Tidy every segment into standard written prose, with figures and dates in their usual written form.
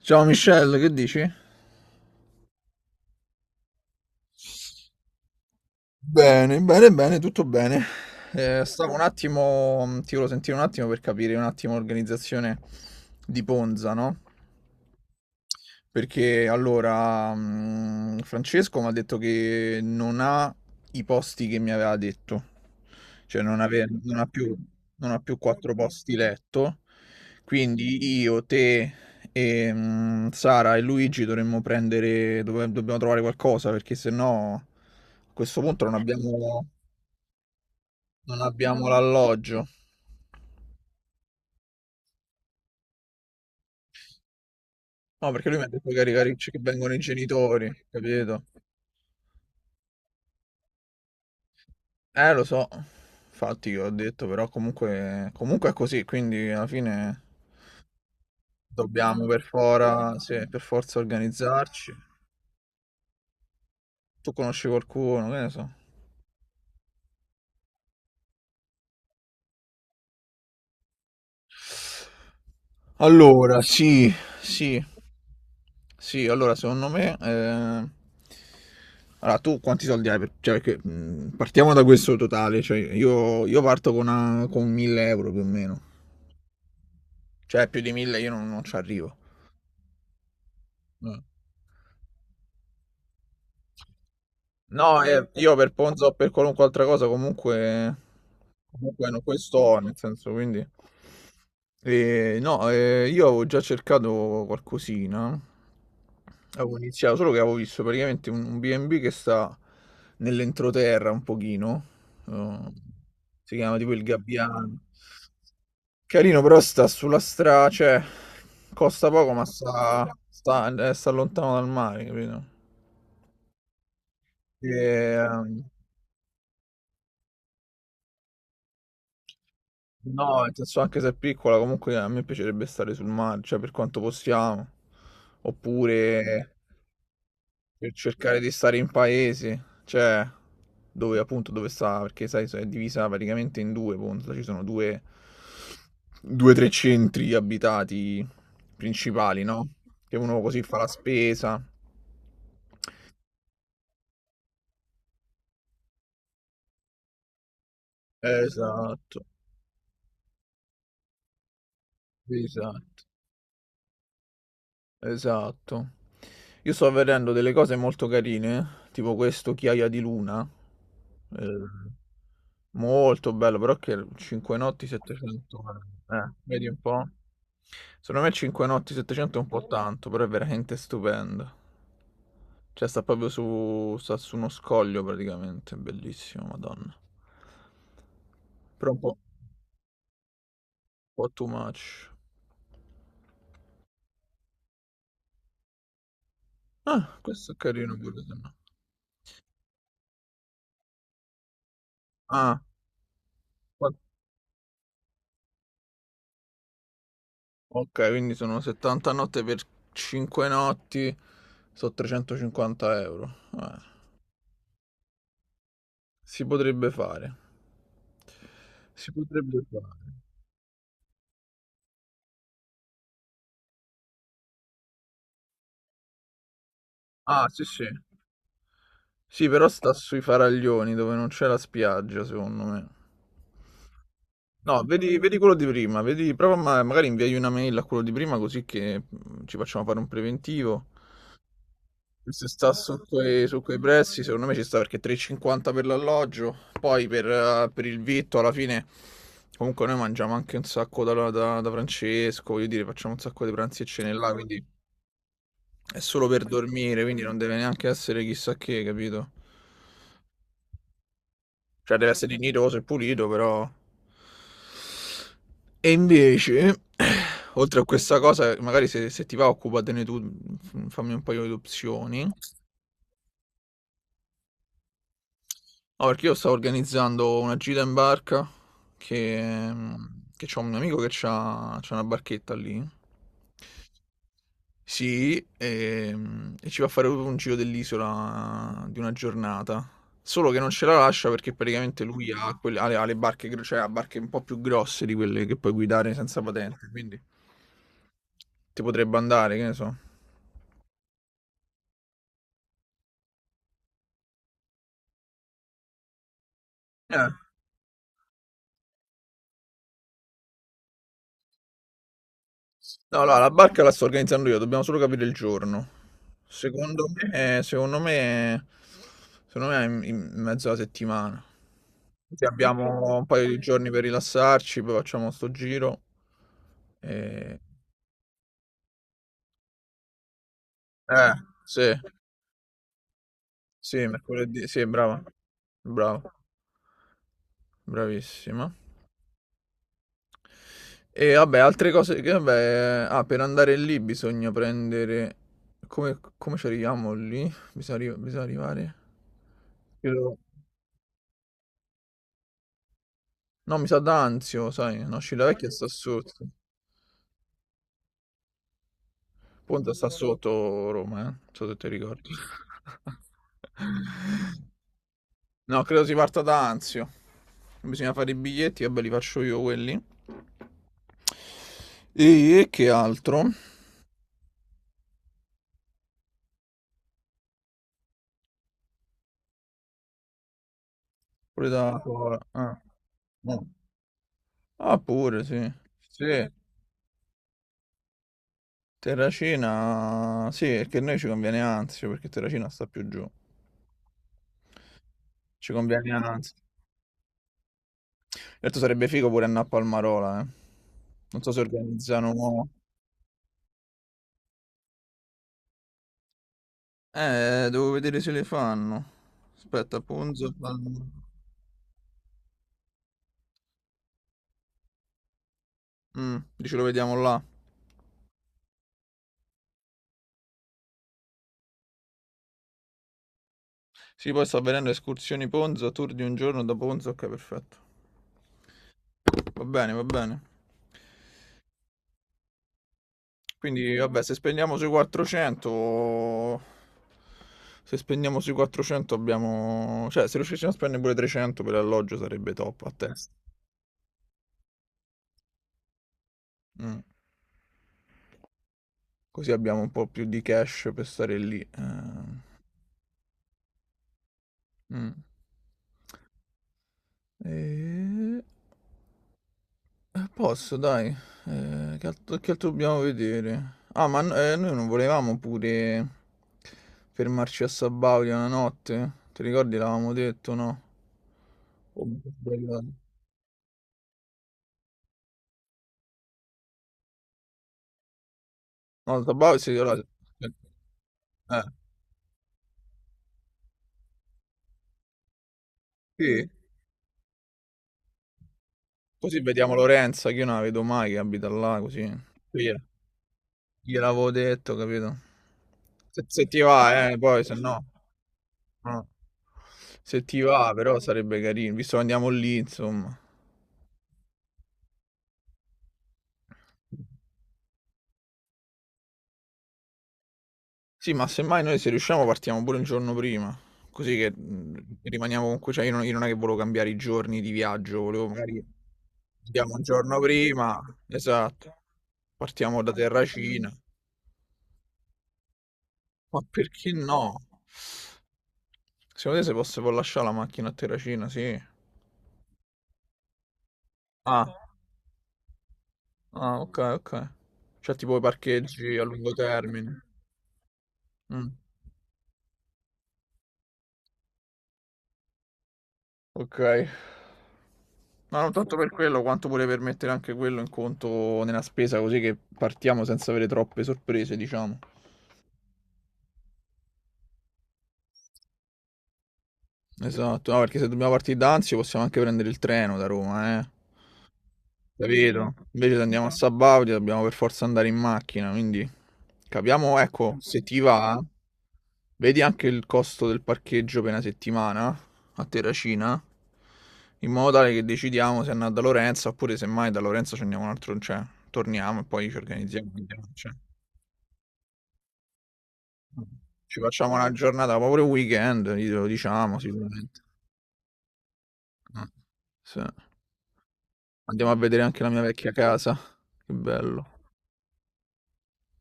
Ciao Michelle, che dici? Bene, bene, bene, tutto bene. Stavo un attimo, ti volevo sentire un attimo per capire un attimo l'organizzazione di Ponza, no? Perché allora, Francesco mi ha detto che non ha i posti che mi aveva detto, cioè non ha più quattro posti letto, quindi io, te, e, Sara e Luigi dovremmo prendere, dobbiamo trovare qualcosa perché sennò a questo punto non abbiamo l'alloggio. No, perché lui mi ha detto che, che vengono i genitori, capito? Lo so, infatti io ho detto, però comunque è così, quindi alla fine dobbiamo sì, per forza organizzarci. Tu conosci qualcuno, che ne so. Allora, sì, sì, sì, allora secondo me... Allora, tu quanti soldi hai? Cioè, perché, partiamo da questo totale, cioè io parto con, con 1000 euro più o meno, cioè più di 1000 io non ci arrivo. No, io per Ponzo o per qualunque altra cosa comunque, no, questo ho, nel senso, quindi... No, io avevo già cercato qualcosina, avevo iniziato, solo che avevo visto praticamente un B&B che sta nell'entroterra un pochino, eh, si chiama tipo il Gabbiano. Carino, però sta sulla strada, cioè, costa poco, ma sta lontano dal mare, capito? E, ehm, No, nel senso anche se è piccola, comunque a me piacerebbe stare sul mare, cioè per quanto possiamo, oppure per cercare di stare in paese, cioè dove appunto dove sta, perché sai, è divisa praticamente in due, appunto, ci sono due o tre centri abitati principali, no? Che uno così fa la spesa. Esatto, esatto. Esatto. Io sto vedendo delle cose molto carine, tipo questo Chiaia di Luna. eh, Molto bello, però che 5 notti 700. Vedi un po'? Secondo me 5 notti 700 è un po' tanto, però è veramente stupendo. Cioè sta proprio su, sta su uno scoglio praticamente, è bellissimo, Madonna. Però un po' too much. Ah, questo è carino pure, se no. Ah, qua- ok, quindi sono 70 notte per 5 notti, sono 350 euro. Eh, si potrebbe fare. Si potrebbe fare. Ah, sì, sì. Sì, però sta sui faraglioni dove non c'è la spiaggia, secondo me. No, vedi, vedi quello di prima, vedi, prova magari inviai una mail a quello di prima così che ci facciamo fare un preventivo. Se sta su su quei prezzi, secondo me ci sta perché 3,50 per l'alloggio, poi per il vitto alla fine comunque noi mangiamo anche un sacco da Francesco, voglio dire, facciamo un sacco di pranzi e cene là, quindi è solo per dormire, quindi non deve neanche essere chissà che, capito? Cioè deve essere dignitoso e pulito, però... E invece, oltre a questa cosa, magari se ti va occupatene tu, fammi un paio di opzioni. No, perché io stavo organizzando una gira in barca che, che c'ho un mio amico che c'ha una barchetta lì. Sì, e ci va a fare proprio un giro dell'isola di una giornata. Solo che non ce la lascia perché praticamente lui ha, ha ha le barche, cioè ha barche un po' più grosse di quelle che puoi guidare senza patente, quindi ti potrebbe andare, che ne so. Eh. No, no, la barca la sto organizzando io, dobbiamo solo capire il giorno. Secondo me, secondo me, secondo me è in mezzo alla settimana. Così abbiamo un paio di giorni per rilassarci, poi facciamo sto giro. E... Eh, sì, sì, mercoledì, sì, brava, brava, bravissima. E vabbè, altre cose che, vabbè, per andare lì bisogna prendere... Come ci arriviamo lì? Bisogna, bisogna arrivare... Credo- No, mi sa d'Anzio, sai, no, Scilla Vecchia sta sotto. Ponte sta sotto Roma, eh. Non so se ti ricordi. No, credo si parta da Anzio. Bisogna fare i biglietti, vabbè, li faccio io quelli. E che altro? Pure da... Ah, no. Ah, pure, sì. Sì. Terracina, sì, perché a noi ci conviene Anzio, perché Terracina sta più giù. Ci conviene Anzio. Certo sarebbe figo pure andare a Palmarola, eh. Non so se organizzano... devo vedere se le fanno. Aspetta, Ponzo... dici lo vediamo là. Sì, poi sta avvenendo escursioni Ponzo, tour di un giorno da Ponzo, ok, perfetto. Va bene, va bene. Quindi, vabbè, se spendiamo sui 400... Se spendiamo sui 400 abbiamo... Cioè, se riuscissimo a spendere pure 300 per l'alloggio sarebbe top a testa. Mm. Così abbiamo un po' più di cash per stare lì. Mm. E... Posso, dai. Che altro dobbiamo vedere? Ah, ma noi non volevamo pure fermarci a Sabaudia una notte? Ti ricordi? L'avevamo detto, no? O mi sono sbagliato? No, Sabaudia sì, allora... Eh, sì. Così vediamo Lorenza, che io non la vedo mai, che abita là, così. Sì, Gliela gliel'avevo detto, capito? Se ti va, poi se no... no. Se ti va, però sarebbe carino, visto che andiamo lì, insomma. Sì, ma semmai noi se riusciamo partiamo pure un giorno prima, così che, rimaniamo comunque, cioè io non è che volevo cambiare i giorni di viaggio, volevo magari andiamo un giorno prima, esatto. Partiamo da Terracina. Ma perché no? Secondo te se posso si può lascià la macchina a Terracina? Sì. Ah, ah okay, okay. Cioè tipo i parcheggi a lungo termine. Mh. Ok. Ma non tanto per quello, quanto pure per mettere anche quello in conto nella spesa, così che partiamo senza avere troppe sorprese, diciamo. Esatto, no, perché se dobbiamo partire da Anzio possiamo anche prendere il treno da Roma, eh. Capito? Invece se andiamo a Sabaudia dobbiamo per forza andare in macchina, quindi capiamo, ecco, se ti va, vedi anche il costo del parcheggio per una settimana a Terracina, in modo tale che decidiamo se andare da Lorenzo oppure semmai da Lorenzo ci andiamo un altro, cioè torniamo e poi ci organizziamo. Andiamo, cioè. Ci facciamo una giornata, proprio il weekend, glielo diciamo sicuramente. Ah, sì. Andiamo a vedere anche la mia vecchia casa, che bello.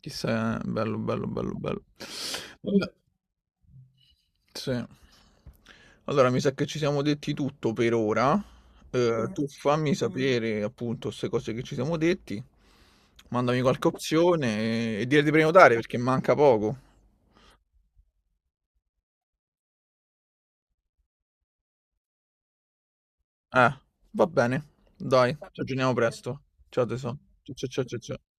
Chissà, bello, bello, bello, bello. Vabbè, sì. Allora, mi sa che ci siamo detti tutto per ora. Tu fammi sapere appunto queste cose che ci siamo detti. Mandami qualche opzione e dire di prenotare perché manca poco. Eh, va bene. Dai, ci aggiorniamo presto. Ciao tesoro. Ciao ciao ciao ciao. Ciao.